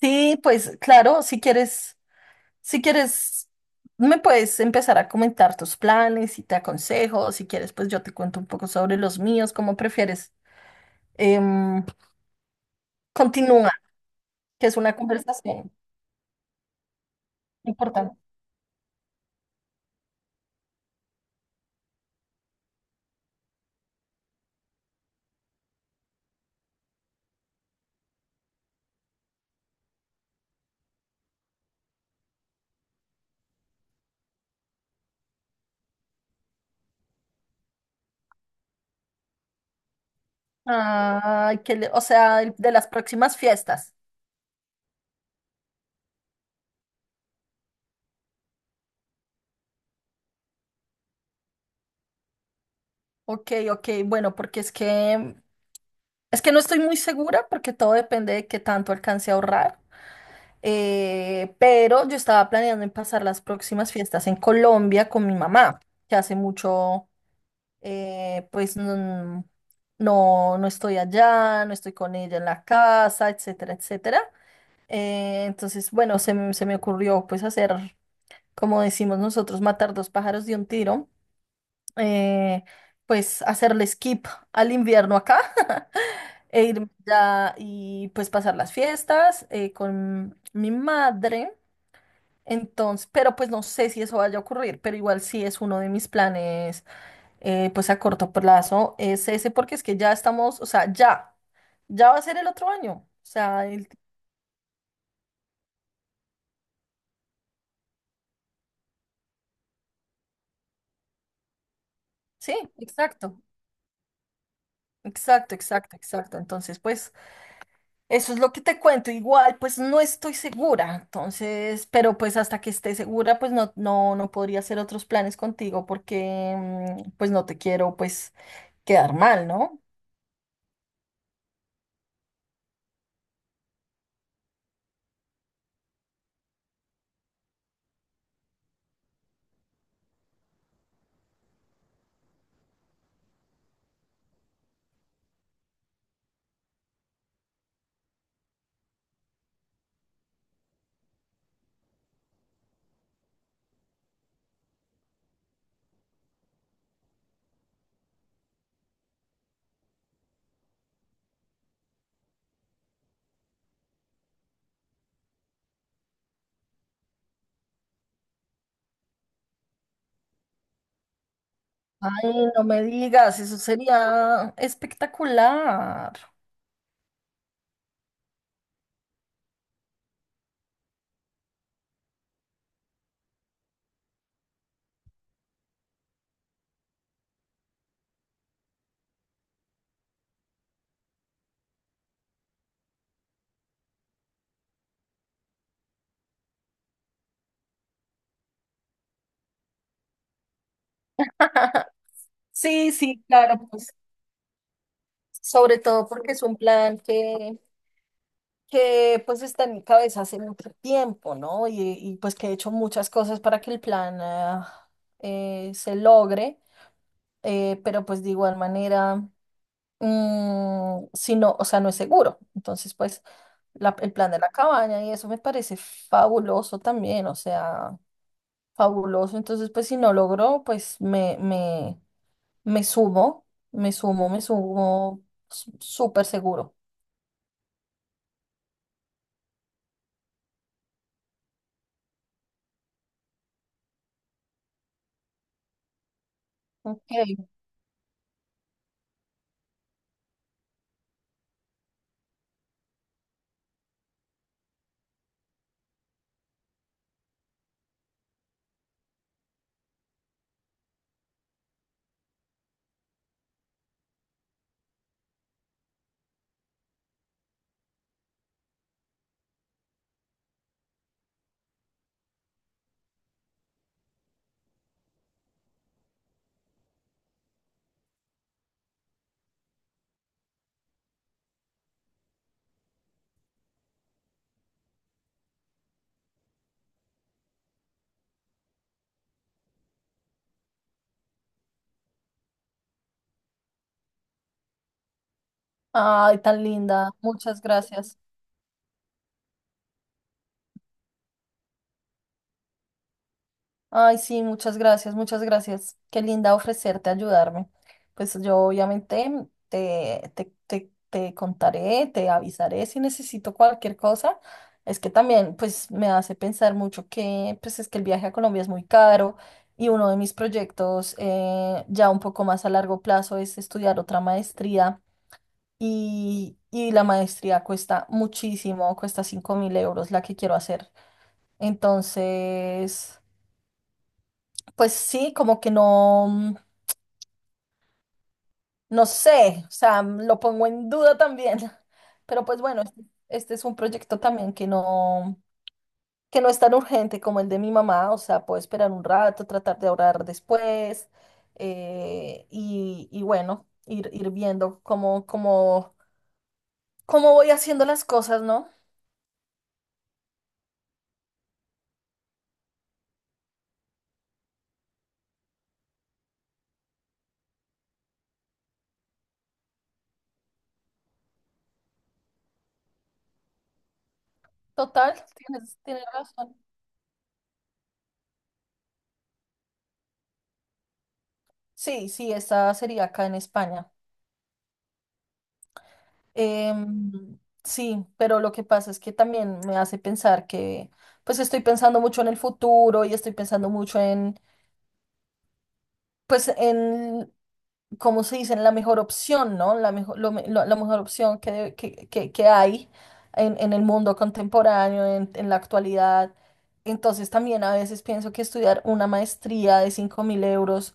Sí, pues claro, si quieres, me puedes empezar a comentar tus planes y te aconsejo, si quieres, pues yo te cuento un poco sobre los míos, cómo prefieres. Em, Continúa, que es una conversación importante. Ay, o sea, de las próximas fiestas. Ok, ok, bueno, porque es que no estoy muy segura porque todo depende de qué tanto alcance a ahorrar. Pero yo estaba planeando en pasar las próximas fiestas en Colombia con mi mamá, que hace mucho, pues no, no, no estoy allá, no estoy con ella en la casa, etcétera, etcétera. Entonces, bueno, se me ocurrió pues hacer, como decimos nosotros, matar dos pájaros de un tiro, eh, pues hacerle skip al invierno acá e irme allá y pues pasar las fiestas con mi madre. Entonces, pero pues no sé si eso vaya a ocurrir, pero igual sí es uno de mis planes, pues a corto plazo, es ese, porque es que ya estamos, o sea, ya va a ser el otro año, o sea, sí, exacto, exacto, exacto, exacto. Entonces, pues eso es lo que te cuento, igual, pues no estoy segura, entonces, pero pues hasta que esté segura, pues no, no, no podría hacer otros planes contigo porque, pues no te quiero, pues, quedar mal, ¿no? Ay, no me digas, eso sería espectacular. Sí, sí, claro, pues sobre todo porque es un plan que pues está en mi cabeza hace mucho tiempo, ¿no? Y pues que he hecho muchas cosas para que el plan se logre, pero pues de igual manera, si no, o sea, no es seguro. Entonces, pues el plan de la cabaña y eso me parece fabuloso también, o sea... Fabuloso. Entonces, pues si no logro, me sumo, me sumo, me sumo, súper seguro. Ok. Ay, tan linda. Muchas gracias. Ay, sí, muchas gracias, muchas gracias. Qué linda ofrecerte ayudarme. Pues yo obviamente te contaré, te avisaré si necesito cualquier cosa. Es que también pues me hace pensar mucho que pues es que el viaje a Colombia es muy caro y uno de mis proyectos ya un poco más a largo plazo es estudiar otra maestría y la maestría cuesta muchísimo, cuesta 5.000 € la que quiero hacer. Entonces... Pues sí, como que no, no sé, o sea, lo pongo en duda también. Pero pues bueno, este es un proyecto también que no, es tan urgente como el de mi mamá, o sea, puedo esperar un rato, tratar de ahorrar después, y bueno, ir viendo cómo voy haciendo las cosas, ¿no? Total, tienes razón. Sí, sí, esta sería acá en España. Em, sí, pero lo que pasa es que también me hace pensar que, pues estoy pensando mucho en el futuro y estoy pensando mucho pues en ¿como se dice? La mejor opción, ¿no? La mejor, la mejor opción que hay en, el mundo contemporáneo, en la actualidad. Entonces también a veces pienso que estudiar una maestría de 5.000 €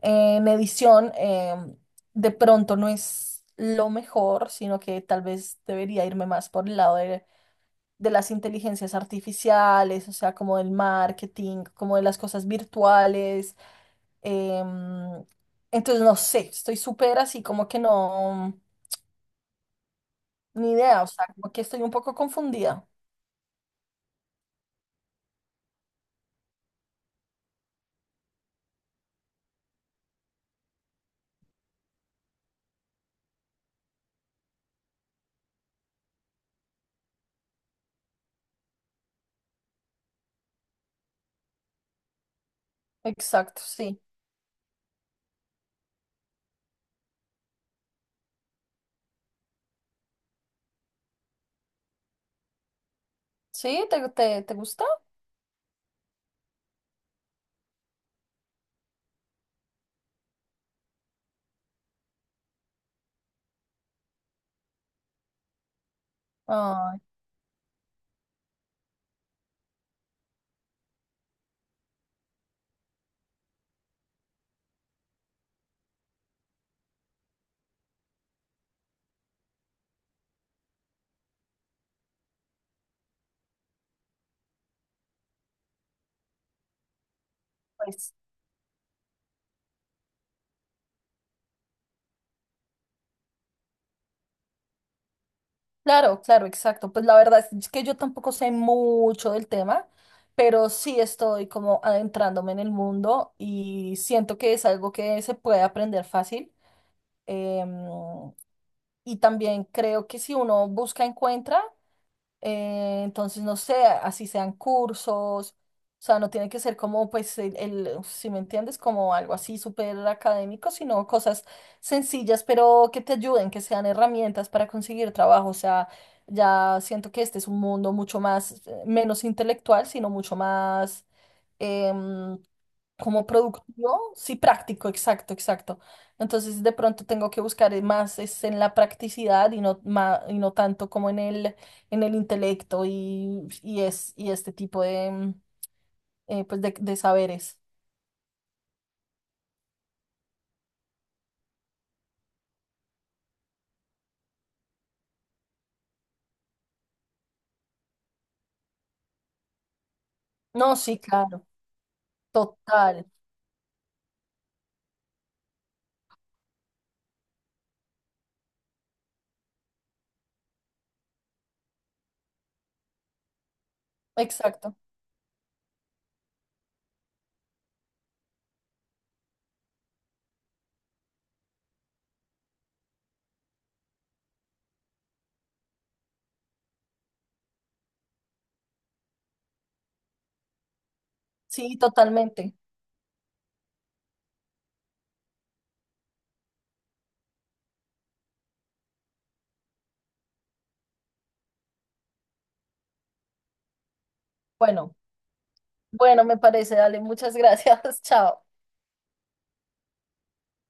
en edición, de pronto no es lo mejor, sino que tal vez debería irme más por el lado de, las inteligencias artificiales, o sea, como del marketing, como de las cosas virtuales. Em, entonces, no sé, estoy súper así como que no, ni idea, o sea, como que estoy un poco confundida. Exacto, sí. ¿Sí? ¿ Te gusta? Ay, pues, claro, claro, exacto. Pues la verdad es que yo tampoco sé mucho del tema, pero sí estoy como adentrándome en el mundo y siento que es algo que se puede aprender fácil. Em, y también creo que si uno busca, encuentra. Entonces, no sé, así sean cursos, o sea, no tiene que ser como, pues, si me entiendes, como algo así súper académico, sino cosas sencillas, pero que te ayuden, que sean herramientas para conseguir trabajo. O sea, ya siento que este es un mundo mucho más, menos intelectual, sino mucho más, em, como productivo, sí, práctico, exacto, exacto. Entonces, de pronto tengo que buscar, más es en la practicidad y no, y no tanto como en el intelecto y este tipo de, pues de saberes. No, sí, claro, total, exacto, sí, totalmente. Bueno, bueno, me parece, dale, muchas gracias, chao.